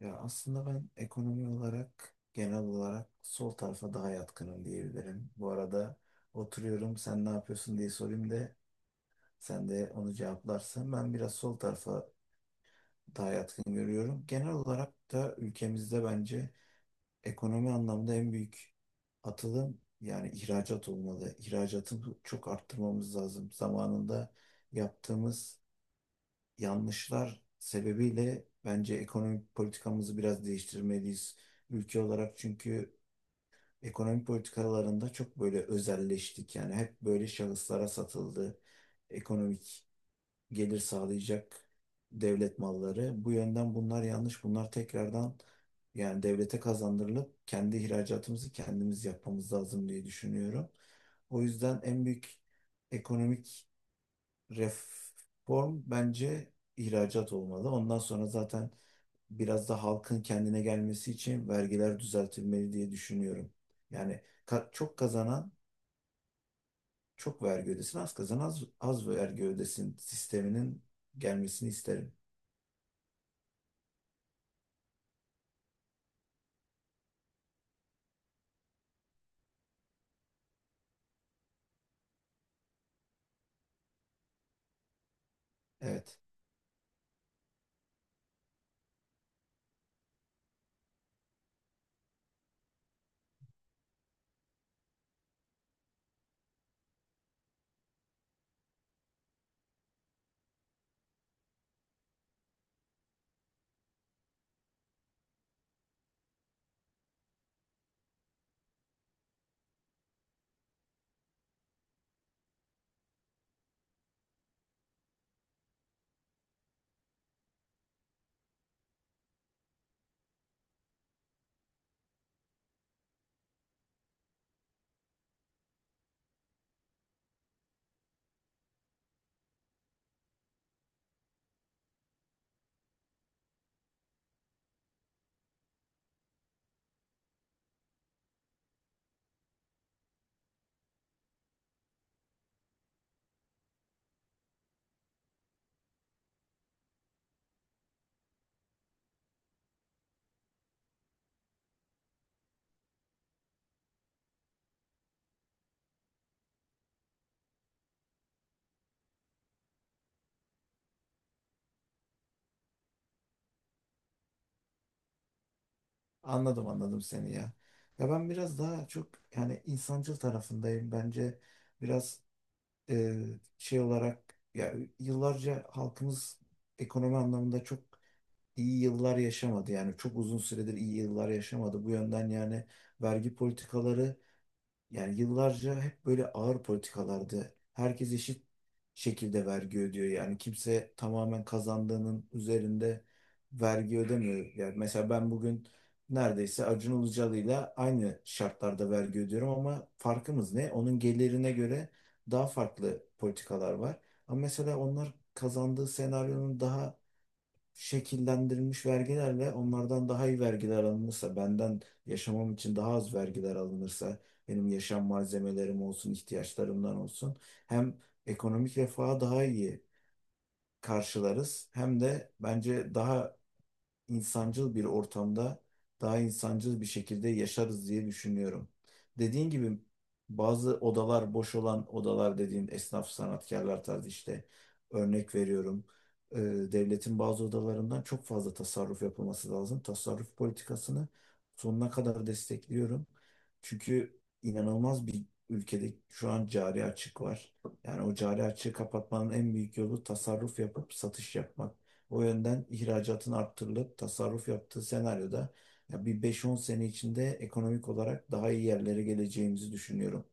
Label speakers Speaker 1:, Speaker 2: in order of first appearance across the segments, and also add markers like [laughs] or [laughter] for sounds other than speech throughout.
Speaker 1: Ya aslında ben ekonomi olarak genel olarak sol tarafa daha yatkınım diyebilirim. Bu arada oturuyorum, sen ne yapıyorsun diye sorayım da sen de onu cevaplarsan. Ben biraz sol tarafa daha yatkın görüyorum. Genel olarak da ülkemizde bence ekonomi anlamda en büyük atılım yani ihracat olmalı. İhracatı çok arttırmamız lazım. Zamanında yaptığımız yanlışlar sebebiyle bence ekonomik politikamızı biraz değiştirmeliyiz. Ülke olarak, çünkü ekonomik politikalarında çok böyle özelleştik. Yani hep böyle şahıslara satıldı. Ekonomik gelir sağlayacak devlet malları. Bu yönden bunlar yanlış. Bunlar tekrardan yani devlete kazandırılıp kendi ihracatımızı kendimiz yapmamız lazım diye düşünüyorum. O yüzden en büyük ekonomik reform bence ihracat olmalı. Ondan sonra zaten biraz da halkın kendine gelmesi için vergiler düzeltilmeli diye düşünüyorum. Yani çok kazanan çok vergi ödesin, az kazanan az, az vergi ödesin sisteminin gelmesini isterim. Evet. Anladım anladım seni ya. Ya ben biraz daha çok yani insancıl tarafındayım. Bence biraz e, şey olarak ya yıllarca halkımız ekonomi anlamında çok iyi yıllar yaşamadı. Yani çok uzun süredir iyi yıllar yaşamadı. Bu yönden yani vergi politikaları yani yıllarca hep böyle ağır politikalardı. Herkes eşit şekilde vergi ödüyor. Yani kimse tamamen kazandığının üzerinde vergi ödemiyor. Yani mesela ben bugün neredeyse Acun Ilıcalı'yla aynı şartlarda vergi ödüyorum ama farkımız ne? Onun gelirine göre daha farklı politikalar var. Ama mesela onlar kazandığı senaryonun daha şekillendirilmiş vergilerle onlardan daha iyi vergiler alınırsa, benden yaşamam için daha az vergiler alınırsa, benim yaşam malzemelerim olsun, ihtiyaçlarımdan olsun, hem ekonomik refaha daha iyi karşılarız, hem de bence daha insancıl bir ortamda daha insancıl bir şekilde yaşarız diye düşünüyorum. Dediğin gibi bazı odalar, boş olan odalar dediğin, esnaf sanatkarlar tarzı, işte örnek veriyorum. Ee, Devletin bazı odalarından çok fazla tasarruf yapılması lazım. Tasarruf politikasını sonuna kadar destekliyorum. Çünkü inanılmaz bir ülkede şu an cari açık var. Yani o cari açığı kapatmanın en büyük yolu tasarruf yapıp satış yapmak. O yönden ihracatın arttırılıp tasarruf yaptığı senaryoda ya bir 5-10 sene içinde ekonomik olarak daha iyi yerlere geleceğimizi düşünüyorum.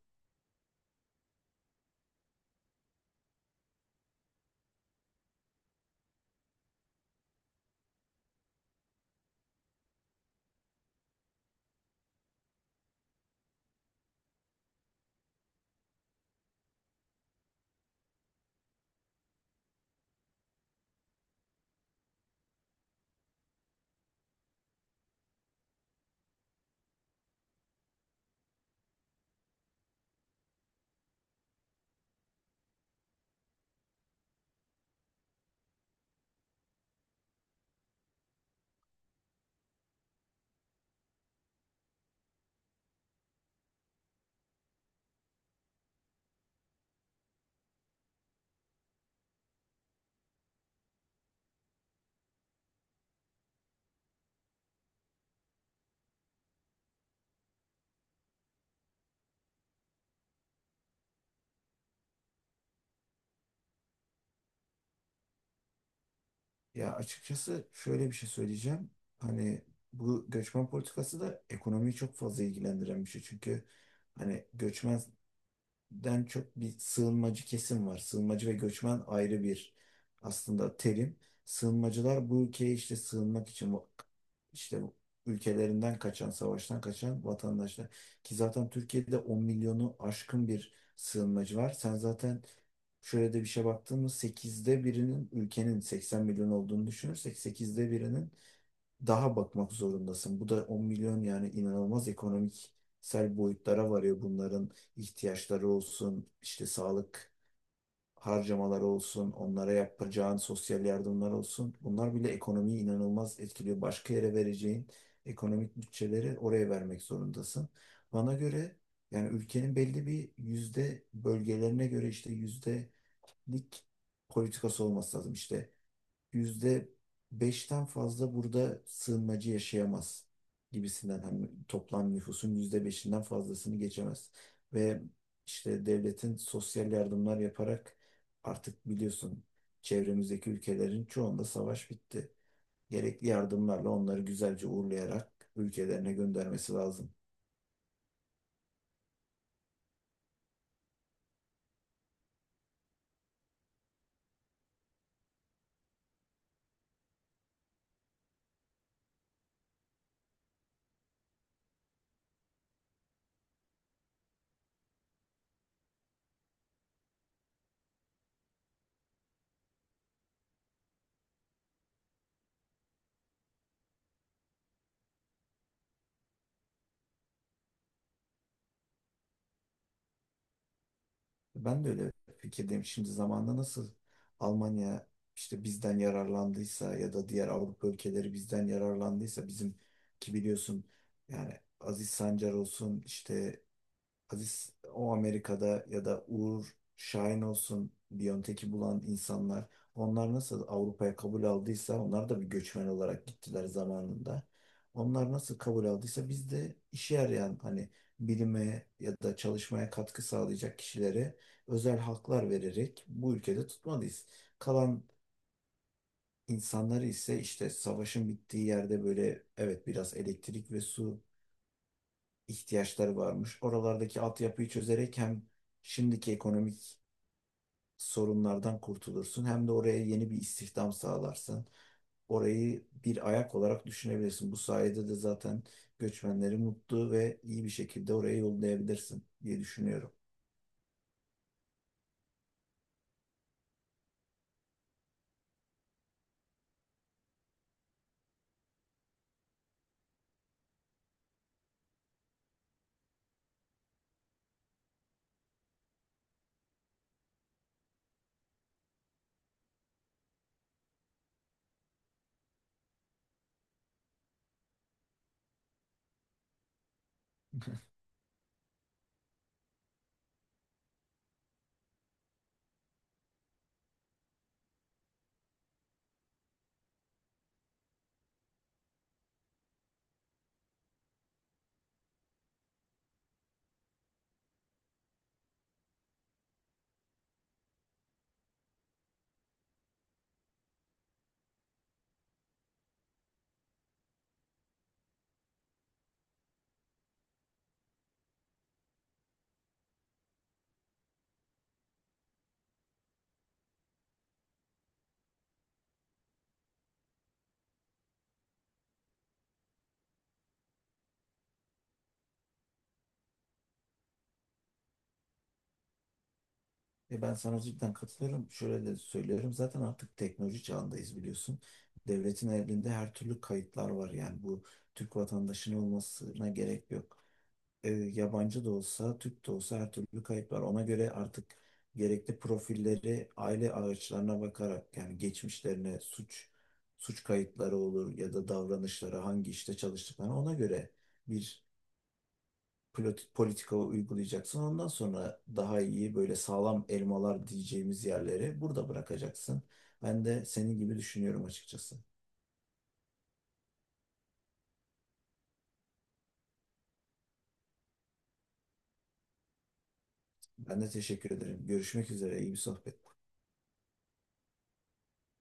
Speaker 1: Ya açıkçası şöyle bir şey söyleyeceğim. Hani bu göçmen politikası da ekonomiyi çok fazla ilgilendiren bir şey. Çünkü hani göçmen den çok bir sığınmacı kesim var. Sığınmacı ve göçmen ayrı bir aslında terim. Sığınmacılar bu ülkeye işte sığınmak için işte bu ülkelerinden kaçan, savaştan kaçan vatandaşlar. Ki zaten Türkiye'de 10 milyonu aşkın bir sığınmacı var. Sen zaten şöyle de bir şey, baktığımız 1/8'inin, ülkenin 80 milyon olduğunu düşünürsek 1/8'inin daha bakmak zorundasın. Bu da 10 milyon. Yani inanılmaz ekonomiksel boyutlara varıyor bunların ihtiyaçları olsun, işte sağlık harcamaları olsun, onlara yapacağın sosyal yardımlar olsun. Bunlar bile ekonomiyi inanılmaz etkiliyor. Başka yere vereceğin ekonomik bütçeleri oraya vermek zorundasın. Bana göre yani ülkenin belli bir yüzde, bölgelerine göre işte yüzdelik politikası olması lazım. İşte %5'ten fazla burada sığınmacı yaşayamaz gibisinden, hani toplam nüfusun %5'inden fazlasını geçemez. Ve işte devletin sosyal yardımlar yaparak, artık biliyorsun, çevremizdeki ülkelerin çoğunda savaş bitti. Gerekli yardımlarla onları güzelce uğurlayarak ülkelerine göndermesi lazım. Ben de öyle fikirdeyim. Şimdi zamanda nasıl Almanya işte bizden yararlandıysa ya da diğer Avrupa ülkeleri bizden yararlandıysa, bizim ki biliyorsun yani Aziz Sancar olsun, işte Aziz o Amerika'da, ya da Uğur Şahin olsun Biontech'i bulan insanlar, onlar nasıl Avrupa'ya kabul aldıysa, onlar da bir göçmen olarak gittiler zamanında. Onlar nasıl kabul aldıysa biz de işe yarayan, hani bilime ya da çalışmaya katkı sağlayacak kişilere özel haklar vererek bu ülkede tutmalıyız. Kalan insanları ise, işte savaşın bittiği yerde, böyle evet biraz elektrik ve su ihtiyaçları varmış. Oralardaki altyapıyı çözerek hem şimdiki ekonomik sorunlardan kurtulursun, hem de oraya yeni bir istihdam sağlarsın. Orayı bir ayak olarak düşünebilirsin. Bu sayede de zaten göçmenleri mutlu ve iyi bir şekilde oraya yollayabilirsin diye düşünüyorum. [laughs] E ben sana cidden katılıyorum. Şöyle de söylüyorum. Zaten artık teknoloji çağındayız, biliyorsun. Devletin elinde her türlü kayıtlar var. Yani bu Türk vatandaşının olmasına gerek yok. Yabancı da olsa, Türk de olsa her türlü kayıp var. Ona göre artık gerekli profilleri aile ağaçlarına bakarak, yani geçmişlerine, suç kayıtları olur, ya da davranışları hangi işte çalıştıklarına, ona göre bir politika uygulayacaksın. Ondan sonra daha iyi böyle sağlam elmalar diyeceğimiz yerleri burada bırakacaksın. Ben de senin gibi düşünüyorum açıkçası. Ben de teşekkür ederim. Görüşmek üzere. İyi bir sohbet.